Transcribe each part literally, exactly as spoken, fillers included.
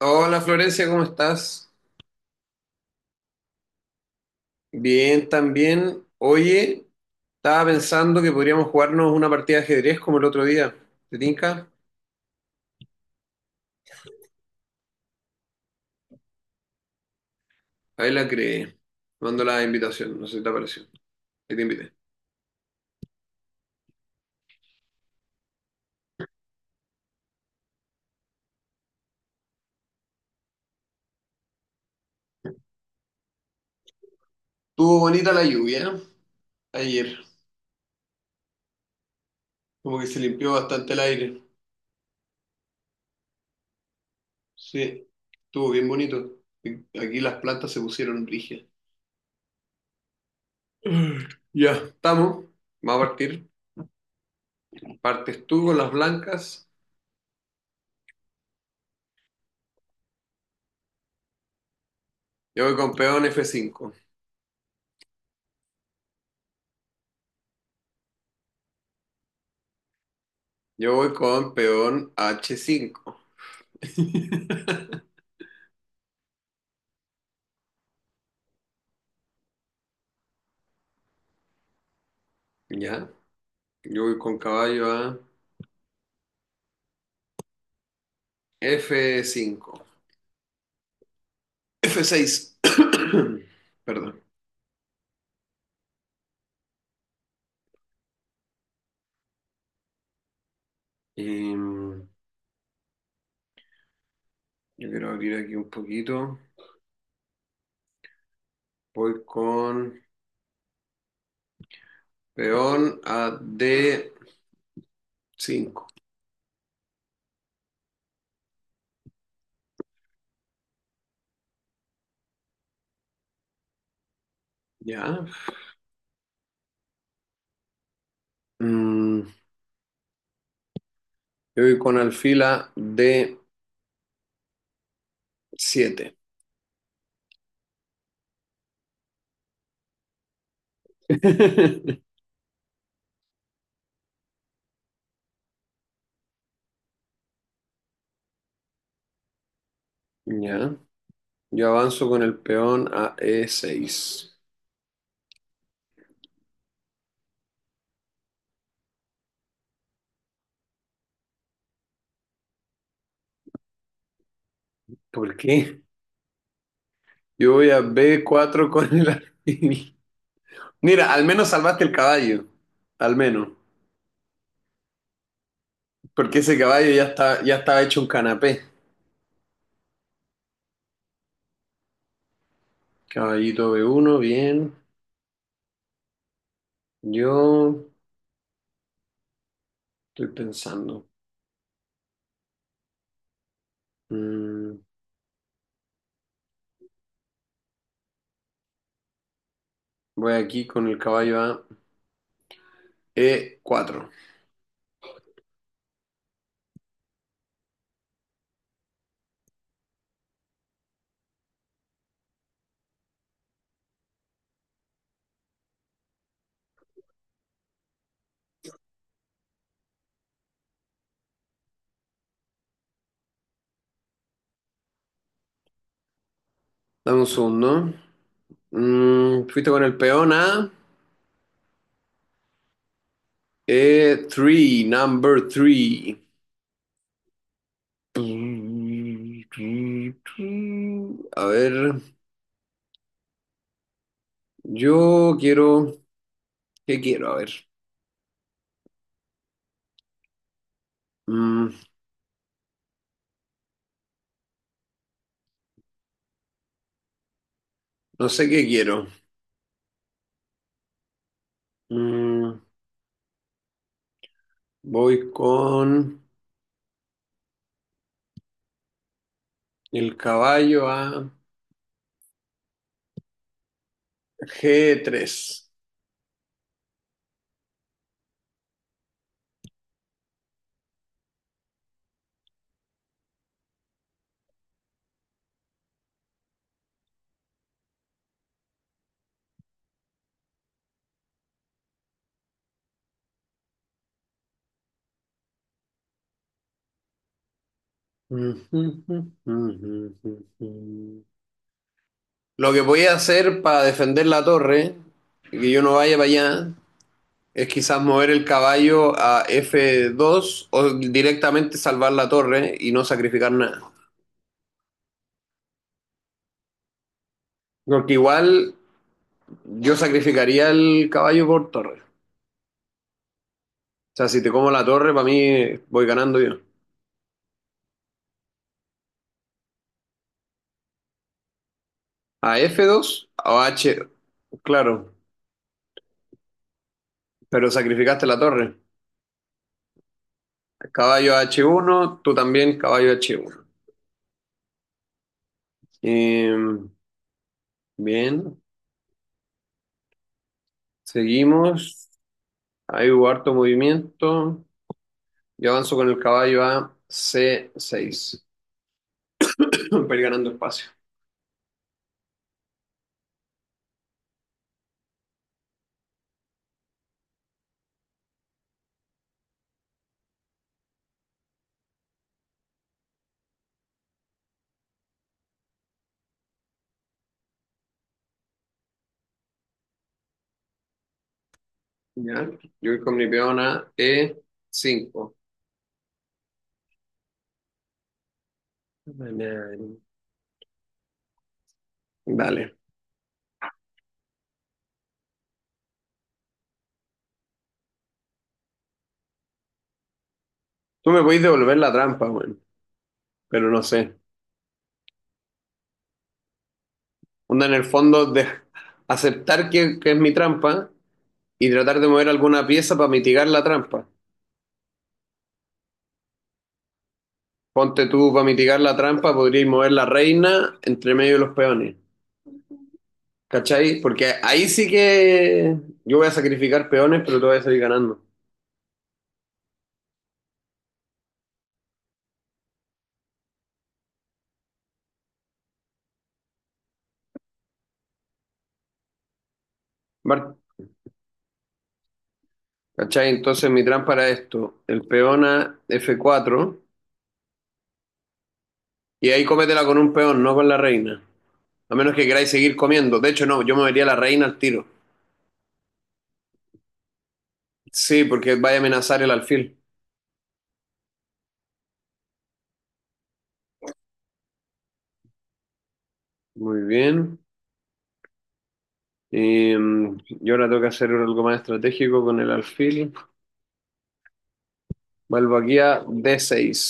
Hola Florencia, ¿cómo estás? Bien, también. Oye, estaba pensando que podríamos jugarnos una partida de ajedrez como el otro día. ¿Te tinca? Ahí la creé. Mando la invitación, no sé si te apareció. Ahí te invité. Estuvo bonita la lluvia, ¿eh? Ayer, como que se limpió bastante el aire. Sí, estuvo bien bonito. Aquí las plantas se pusieron rígidas. Ya, estamos. Vamos a partir. Partes tú con las blancas. Yo voy con peón f cinco. Yo voy con peón h cinco. ¿Ya? Yo voy con caballo a f cinco. f seis. Perdón. Em, yo quiero abrir aquí un poquito. Voy con peón a d cinco. ¿Ya? Mm, yo voy con alfil a d siete. ¿Ya? Yo avanzo con el peón a e seis. ¿Por qué? Yo voy a b cuatro con el alfil. Mira, al menos salvaste el caballo. Al menos. Porque ese caballo ya está, ya estaba hecho un canapé. Caballito b uno, bien. Yo estoy pensando. Mm, voy aquí con el caballo a e cuatro. Dame un segundo. Mm, fuiste con el peón a e tres, number tres. A ver, yo quiero. ¿Qué quiero? A ver. Mm, no sé qué quiero. Mm, Voy con el caballo a g tres. Lo que voy a hacer para defender la torre y que yo no vaya para allá es quizás mover el caballo a f dos o directamente salvar la torre y no sacrificar nada. Porque igual yo sacrificaría el caballo por torre. O sea, si te como la torre, para mí voy ganando yo. A f dos o H. Claro. Pero sacrificaste la torre. Caballo h uno, tú también caballo h uno. Eh, bien, seguimos. Ahí hubo harto movimiento. Yo avanzo con el caballo a c seis para ir ganando espacio. ¿Ya? Yo voy con mi peón a e cinco. Dale. Tú me podés devolver la trampa, bueno, pero no sé. Onda en el fondo de aceptar que, que es mi trampa y tratar de mover alguna pieza para mitigar la trampa. Ponte tú para mitigar la trampa, podríais mover la reina entre medio de los peones. ¿Cachai? Porque ahí sí que yo voy a sacrificar peones, pero tú vas a salir ganando. Bar- ¿Cachai? Entonces mi trampa era esto. El peón a f cuatro y ahí cómetela con un peón, no con la reina. A menos que queráis seguir comiendo. De hecho, no, yo movería la reina al tiro. Sí, porque vaya a amenazar el alfil. Muy bien. Y, mm, y ahora tengo que hacer algo más estratégico con el alfil. Vuelvo aquí a d seis.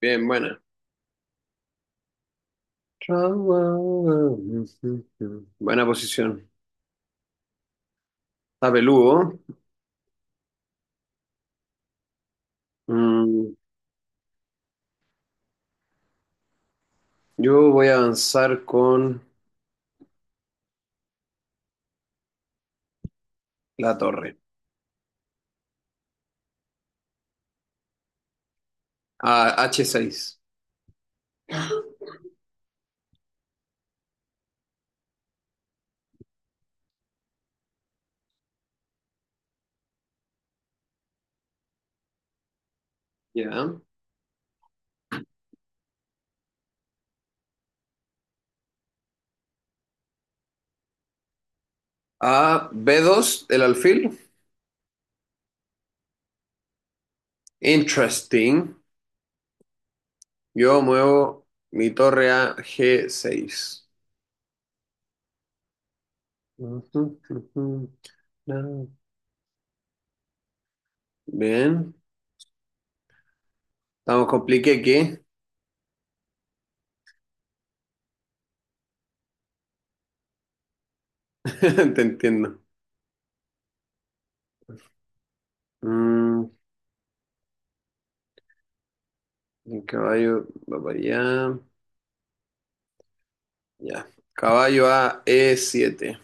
Bien, buena. Buena posición. Está peludo. Mm, yo voy a avanzar con la torre. A h seis. Ya. A b dos, el alfil. Interesting. Yo muevo mi torre a g seis. Bien. Estamos compliqué, que te entiendo. Mm, el caballo va para allá. Ya. Caballo a e siete.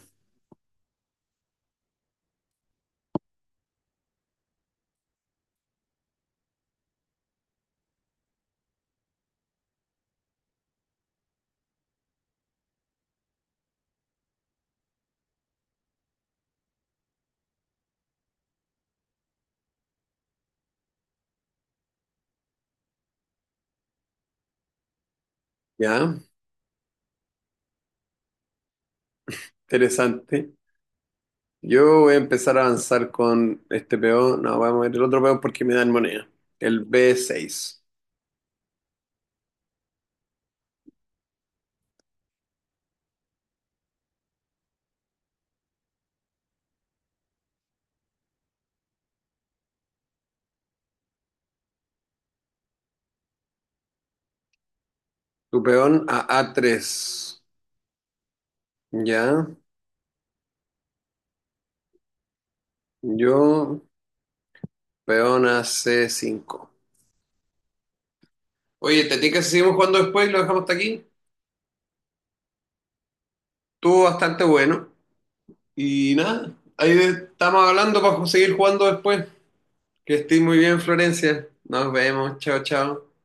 Ya, interesante. Yo voy a empezar a avanzar con este peón. No, vamos a ver el otro peón porque me dan moneda. El b seis. Tu peón a A3. Ya. Yo, peón a c cinco. Oye, ¿te tinca si seguimos jugando después y lo dejamos hasta aquí? Estuvo bastante bueno. Y nada, ahí estamos hablando para seguir jugando después. Que estés muy bien, Florencia. Nos vemos. Chao, chao.